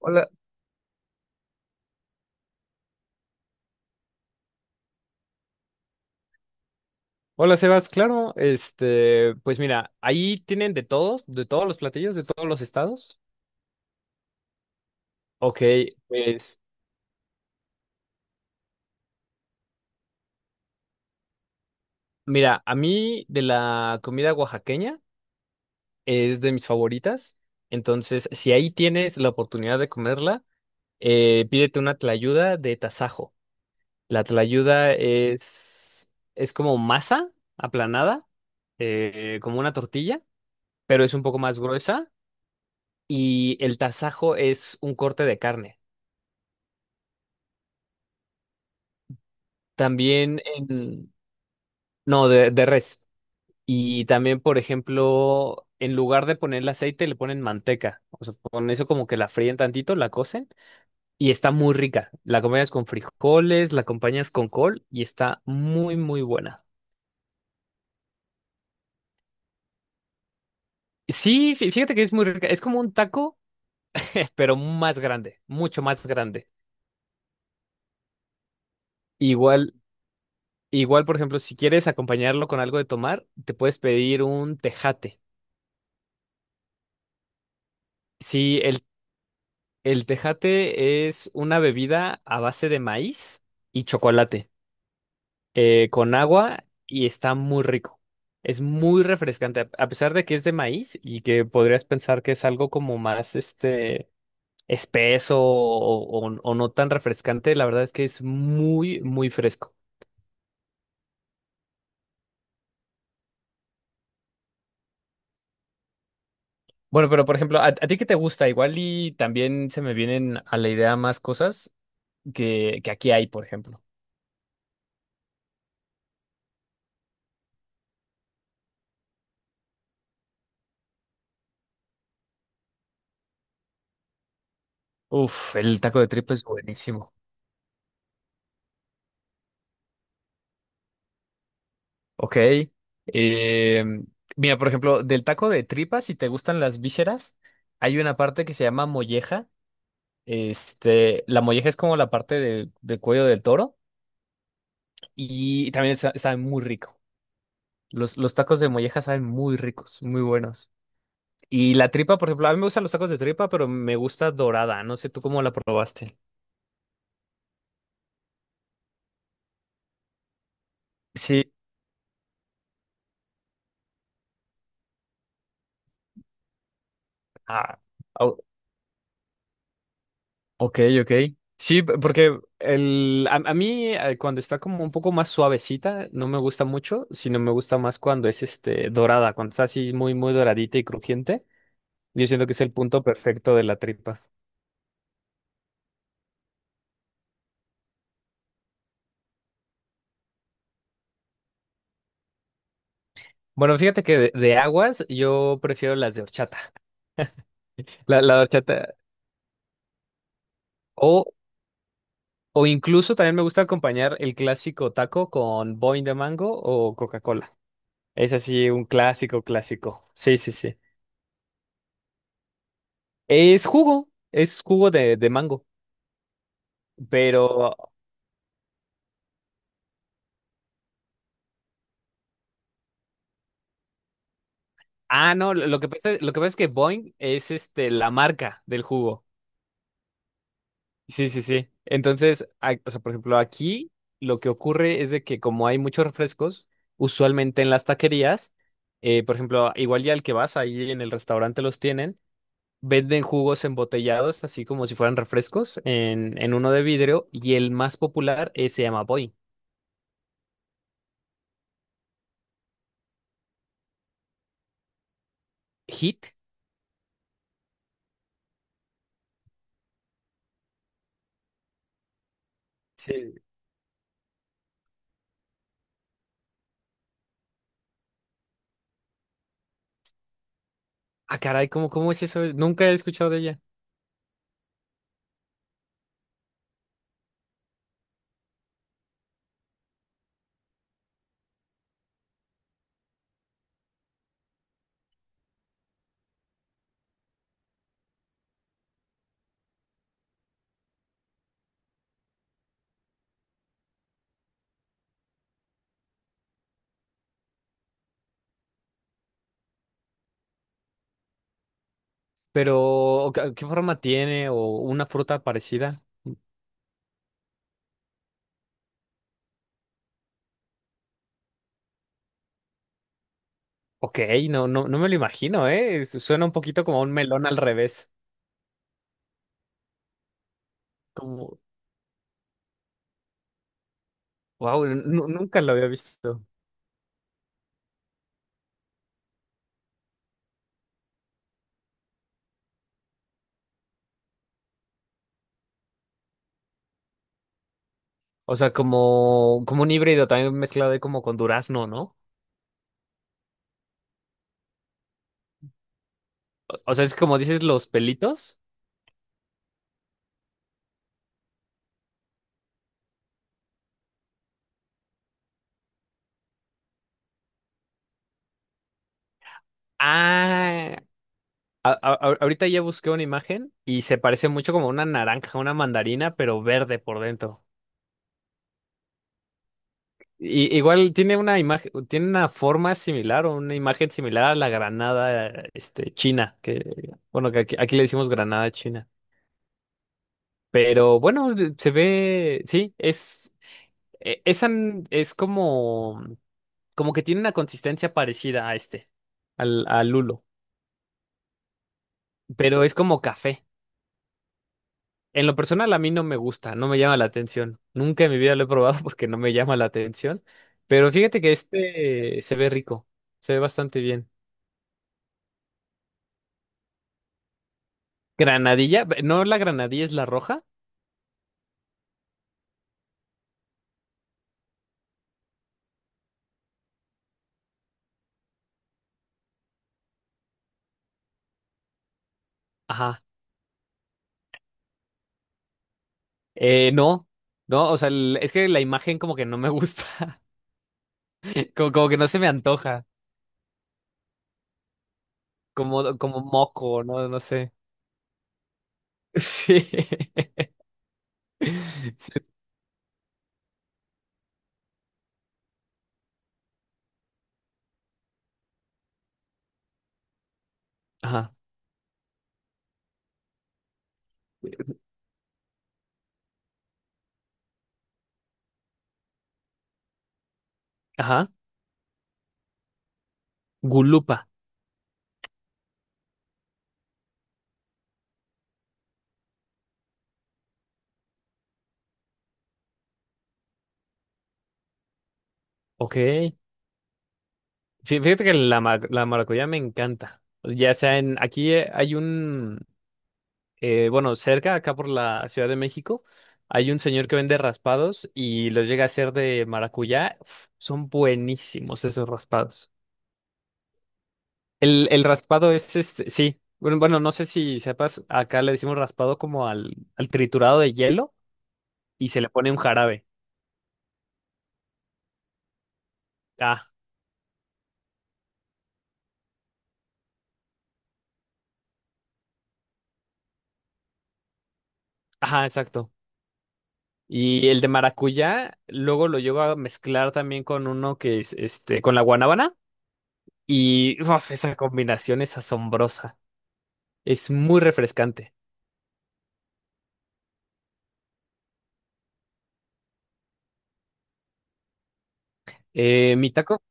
Hola, hola Sebas, claro, este, pues mira, ahí tienen de todos los platillos, de todos los estados. Ok, pues mira, a mí de la comida oaxaqueña es de mis favoritas, entonces si ahí tienes la oportunidad de comerla, pídete una tlayuda de tasajo. La tlayuda es, es como masa aplanada, como una tortilla, pero es un poco más gruesa y el tasajo es un corte de carne. También en... No, de res. Y también, por ejemplo, en lugar de ponerle aceite, le ponen manteca. O sea, con eso como que la fríen tantito, la cocen y está muy rica. La acompañas con frijoles, la acompañas con col y está muy, muy buena. Sí, fíjate que es muy rica. Es como un taco, pero más grande, mucho más grande. Igual, igual, por ejemplo, si quieres acompañarlo con algo de tomar, te puedes pedir un tejate. Sí, el El tejate es una bebida a base de maíz y chocolate, con agua y está muy rico. Es muy refrescante, a pesar de que es de maíz y que podrías pensar que es algo como más espeso o no tan refrescante, la verdad es que es muy, muy fresco. Bueno, pero por ejemplo, a ti qué te gusta? Igual y también se me vienen a la idea más cosas que aquí hay, por ejemplo. Uf, el taco de tripa es buenísimo. Ok. eh, mira, por ejemplo, del taco de tripa, si te gustan las vísceras, hay una parte que se llama molleja. Este, la molleja es como la parte del cuello del toro y también sabe muy rico. Los tacos de molleja saben muy ricos, muy buenos. Y la tripa, por ejemplo, a mí me gustan los tacos de tripa, pero me gusta dorada. No sé tú cómo la probaste. Sí. Ah, au- Ok, ok. Sí, porque el, a mí cuando está como un poco más suavecita, no me gusta mucho, sino me gusta más cuando es este dorada, cuando está así muy, muy doradita y crujiente. Yo siento que es el punto perfecto de la tripa. Bueno, fíjate que de aguas yo prefiero las de horchata. La de horchata. O, o incluso también me gusta acompañar el clásico taco con Boing de mango o Coca-Cola. Es así un clásico, clásico. Sí, sí, sí. Es jugo de mango. Pero, ah, no, lo que pasa es que Boing es este, la marca del jugo. Sí, sí, sí. Entonces, a- o sea, por ejemplo, aquí lo que ocurre es de que como hay muchos refrescos, usualmente en las taquerías, por ejemplo, igual ya al que vas, ahí en el restaurante los tienen, venden jugos embotellados, así como si fueran refrescos, en uno de vidrio, y el más popular se llama Boing. ¿Hit? Sí. Ah, caray, ¿cómo, cómo es eso? Nunca he escuchado de ella. Pero, qué forma tiene? ¿O una fruta parecida? Ok, no, no, no me lo imagino, ¿eh? Su- Suena un poquito como un melón al revés. Como, wow, nunca lo había visto. O sea, como un híbrido también mezclado ahí como con durazno, ¿no? O sea, es como dices los pelitos. Ah, ahorita ya busqué una imagen y se parece mucho como una naranja, una mandarina, pero verde por dentro. Y- igual tiene una imagen, tiene una forma similar o una imagen similar a la granada, este, china, que, bueno, aquí le decimos granada china. Pero bueno, se ve, sí, e- esa n- es como, como que tiene una consistencia parecida a este, al lulo, pero es como café. En lo personal a mí no me gusta, no me llama la atención. Nunca en mi vida lo he probado porque no me llama la atención, pero fíjate que este se ve rico, se ve bastante bien. Granadilla, no la granadilla es la roja. Ajá. No, no, o sea, el- es que la imagen como que no me gusta, como que no se me antoja, como, como moco, no, no sé. Sí. Sí. Ajá. Ajá. Gulupa. Ok. Fí- Fíjate que ma- la maracuyá me encanta. Ya sea aquí hay un, bueno, cerca, acá por la Ciudad de México, hay un señor que vende raspados y los llega a hacer de maracuyá. Uf, son buenísimos esos raspados. El raspado es este, sí. Bueno, bueno, no sé si sepas, acá le decimos raspado como al triturado de hielo y se le pone un jarabe. Ah, ajá, exacto. Y el de maracuyá, luego lo llevo a mezclar también con uno que es este, con la guanábana y uf, esa combinación es asombrosa. Es muy refrescante. Eh, mi taco,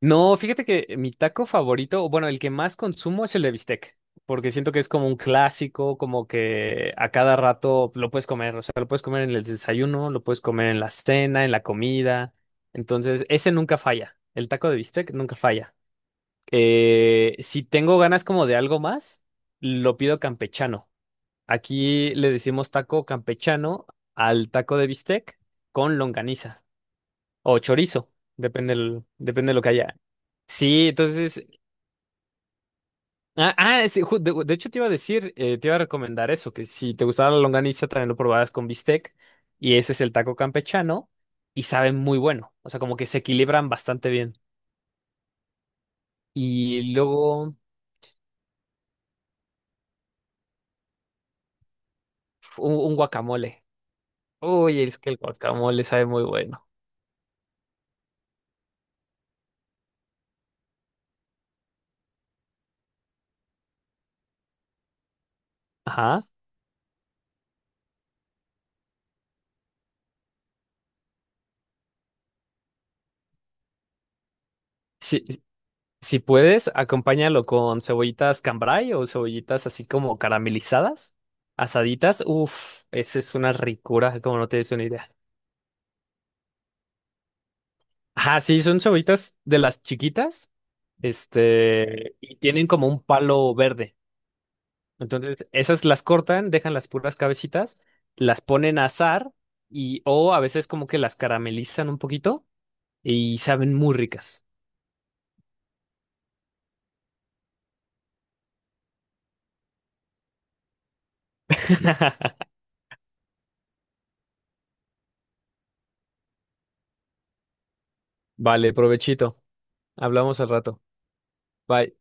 no, fíjate que mi taco favorito, o bueno, el que más consumo es el de bistec, porque siento que es como un clásico, como que a cada rato lo puedes comer, o sea, lo puedes comer en el desayuno, lo puedes comer en la cena, en la comida, entonces ese nunca falla, el taco de bistec nunca falla. Si tengo ganas como de algo más, lo pido campechano. Aquí le decimos taco campechano al taco de bistec con longaniza. O chorizo, depende, el- depende de lo que haya. Sí, entonces. Ah, ah, sí, ju- de hecho te iba a decir, te iba a recomendar eso, que si te gustaba la longaniza, también lo probaras con bistec. Y ese es el taco campechano. Y sabe muy bueno. O sea, como que se equilibran bastante bien. Y luego un guacamole. Uy, es que el guacamole sabe muy bueno. Ajá. Sí. Si puedes, acompáñalo con cebollitas cambray o cebollitas así como caramelizadas, asaditas. Uf, esa es una ricura, como no tienes una idea. Ajá, sí, son cebollitas de las chiquitas, este, y tienen como un palo verde. Entonces, esas las cortan, dejan las puras cabecitas, las ponen a asar y o a veces como que las caramelizan un poquito y saben muy ricas. Vale, provechito. Hablamos al rato. Bye.